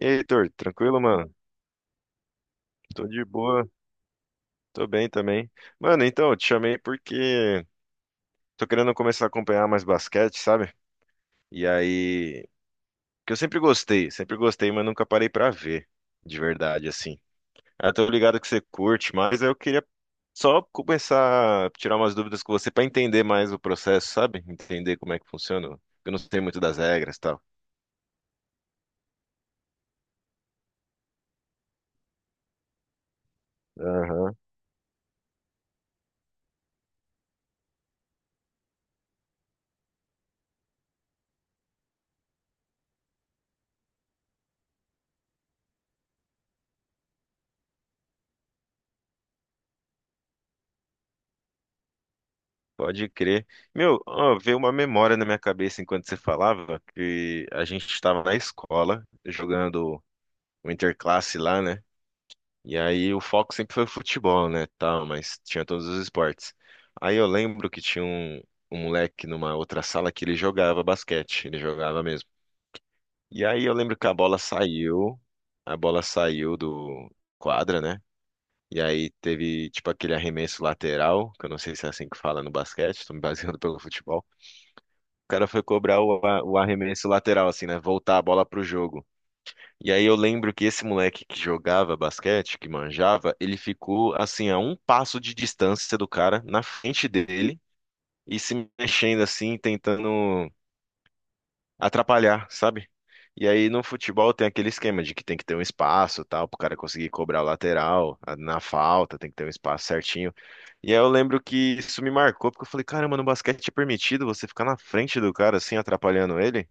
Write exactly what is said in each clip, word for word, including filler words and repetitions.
E aí, Heitor, tranquilo, mano? Tô de boa, tô bem também. Mano, então, eu te chamei porque tô querendo começar a acompanhar mais basquete, sabe? E aí, que eu sempre gostei, sempre gostei, mas nunca parei pra ver, de verdade, assim. Ah, tô ligado que você curte, mas eu queria só começar a tirar umas dúvidas com você pra entender mais o processo, sabe? Entender como é que funciona. Eu não sei muito das regras e tal. Pode crer. Meu, ó, veio uma memória na minha cabeça enquanto você falava que a gente estava na escola jogando o interclasse lá, né? E aí o foco sempre foi futebol, né? Tal, mas tinha todos os esportes. Aí eu lembro que tinha um, um moleque numa outra sala que ele jogava basquete, ele jogava mesmo. E aí eu lembro que a bola saiu, a bola saiu do quadra, né? E aí teve tipo aquele arremesso lateral, que eu não sei se é assim que fala no basquete, tô me baseando pelo futebol. O cara foi cobrar o, a- o arremesso lateral, assim, né? Voltar a bola pro jogo. E aí eu lembro que esse moleque que jogava basquete, que manjava, ele ficou, assim, a um passo de distância do cara, na frente dele, e se mexendo, assim, tentando atrapalhar, sabe? E aí no futebol tem aquele esquema de que tem que ter um espaço, tal, pro cara conseguir cobrar a lateral, a- na falta, tem que ter um espaço certinho. E aí eu lembro que isso me marcou, porque eu falei, caramba, no basquete é permitido você ficar na frente do cara, assim, atrapalhando ele?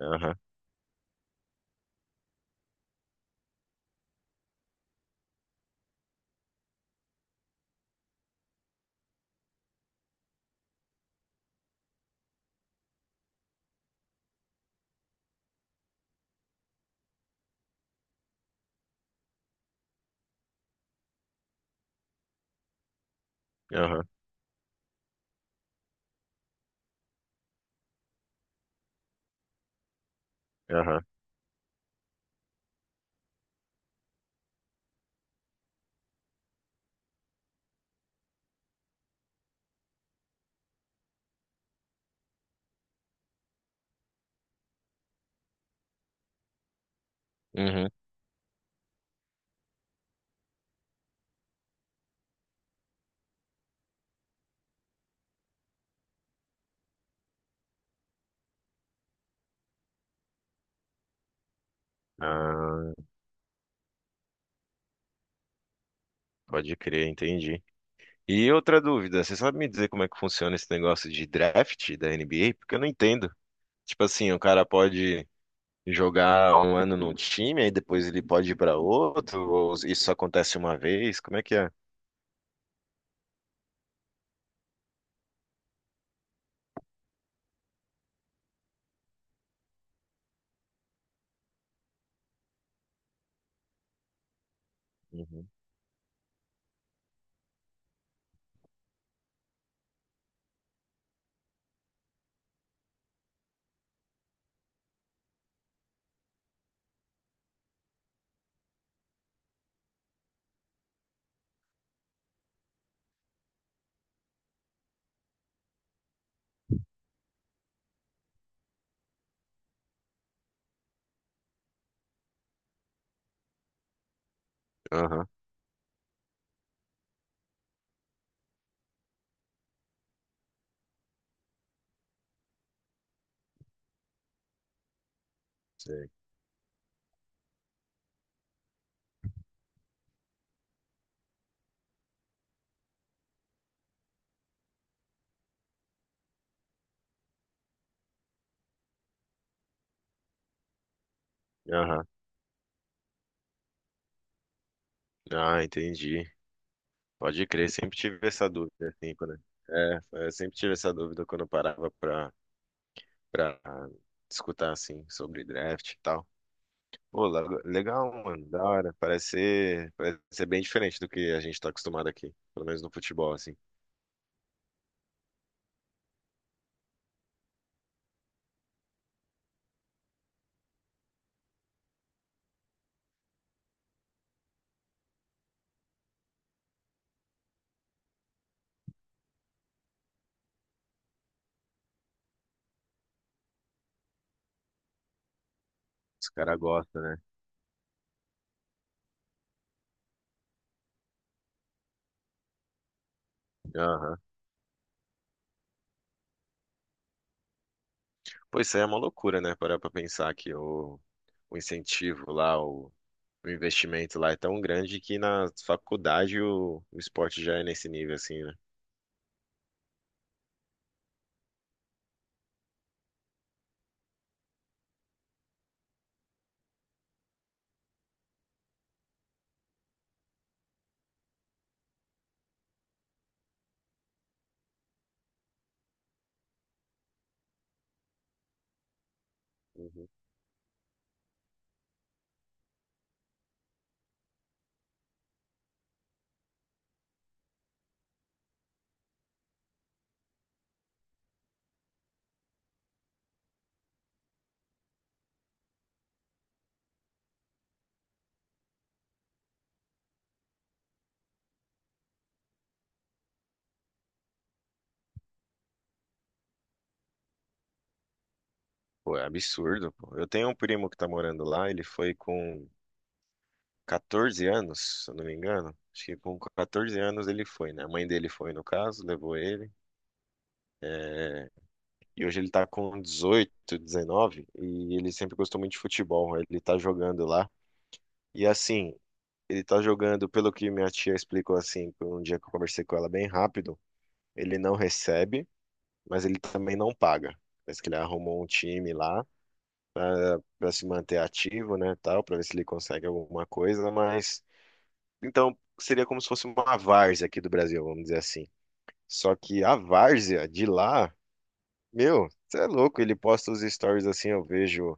Aham, aham, aham. Uhum. Ah, pode crer, entendi. E outra dúvida, você sabe me dizer como é que funciona esse negócio de draft da N B A? Porque eu não entendo. Tipo assim, o cara pode jogar um ano num time, aí depois ele pode ir pra outro, ou isso só acontece uma vez? Como é que é? Uhum. Aham, sei. Aham. Ah, entendi. Pode crer, sempre tive essa dúvida, assim, quando... É, eu sempre tive essa dúvida quando eu parava pra, pra escutar, assim, sobre draft e tal. Pô, le- legal, mano, da hora. Parece ser, parece ser bem diferente do que a gente tá acostumado aqui, pelo menos no futebol, assim. Os caras gostam, né? Aham. Pô, isso aí é uma loucura, né? Parar pra pensar que o, o incentivo lá, o, o investimento lá é tão grande que na faculdade o, o esporte já é nesse nível, assim, né? Uhum. Pô, é absurdo, pô. Eu tenho um primo que tá morando lá, ele foi com catorze anos, se eu não me engano. Acho que com catorze anos ele foi, né? A mãe dele foi, no caso, levou ele. É, e hoje ele tá com dezoito, dezenove e ele sempre gostou muito de futebol. Ele tá jogando lá. E assim, ele tá jogando, pelo que minha tia explicou assim, um dia que eu conversei com ela bem rápido, ele não recebe, mas ele também não paga. Parece que ele arrumou um time lá pra se manter ativo, né, tal, pra ver se ele consegue alguma coisa, mas então seria como se fosse uma várzea aqui do Brasil, vamos dizer assim. Só que a várzea de lá, meu, você é louco, ele posta os stories assim, eu vejo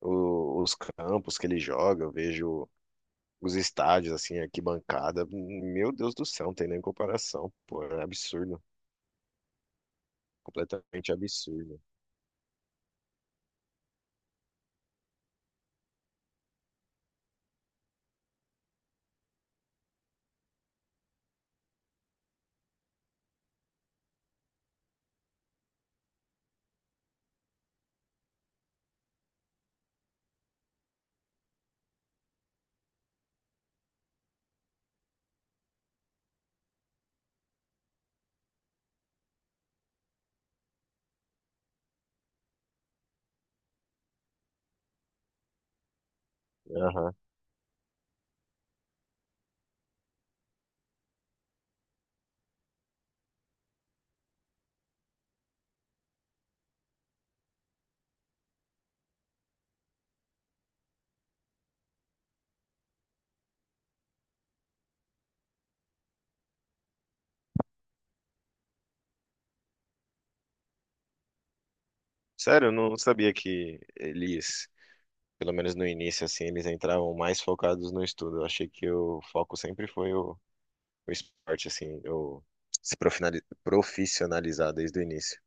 o- os campos que ele joga, eu vejo os estádios, assim, arquibancada. Meu Deus do céu, não tem nem comparação, pô, é absurdo, completamente absurdo. Aham. Sério, eu não sabia que eles, pelo menos no início, assim, eles entravam mais focados no estudo. Eu achei que o foco sempre foi o, o esporte, assim, o se profinali- profissionalizar desde o início.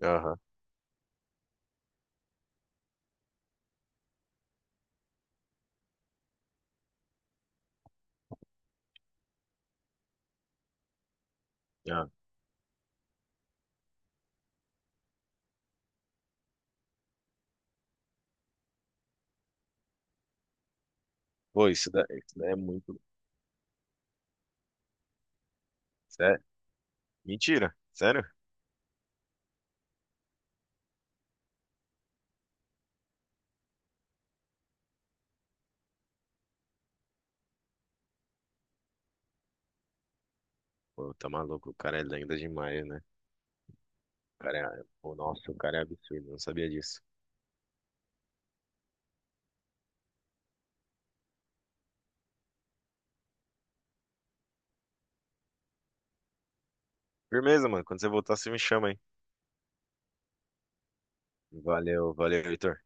Aham. Ah, pô, isso daí, isso daí é muito. Sério? Mentira, sério? Pô, tá maluco, o cara é lenda demais, né? Cara, é- pô, nossa, o cara é absurdo, não sabia disso. Firmeza, mano. Quando você voltar, você me chama, hein? Valeu, valeu, Heitor.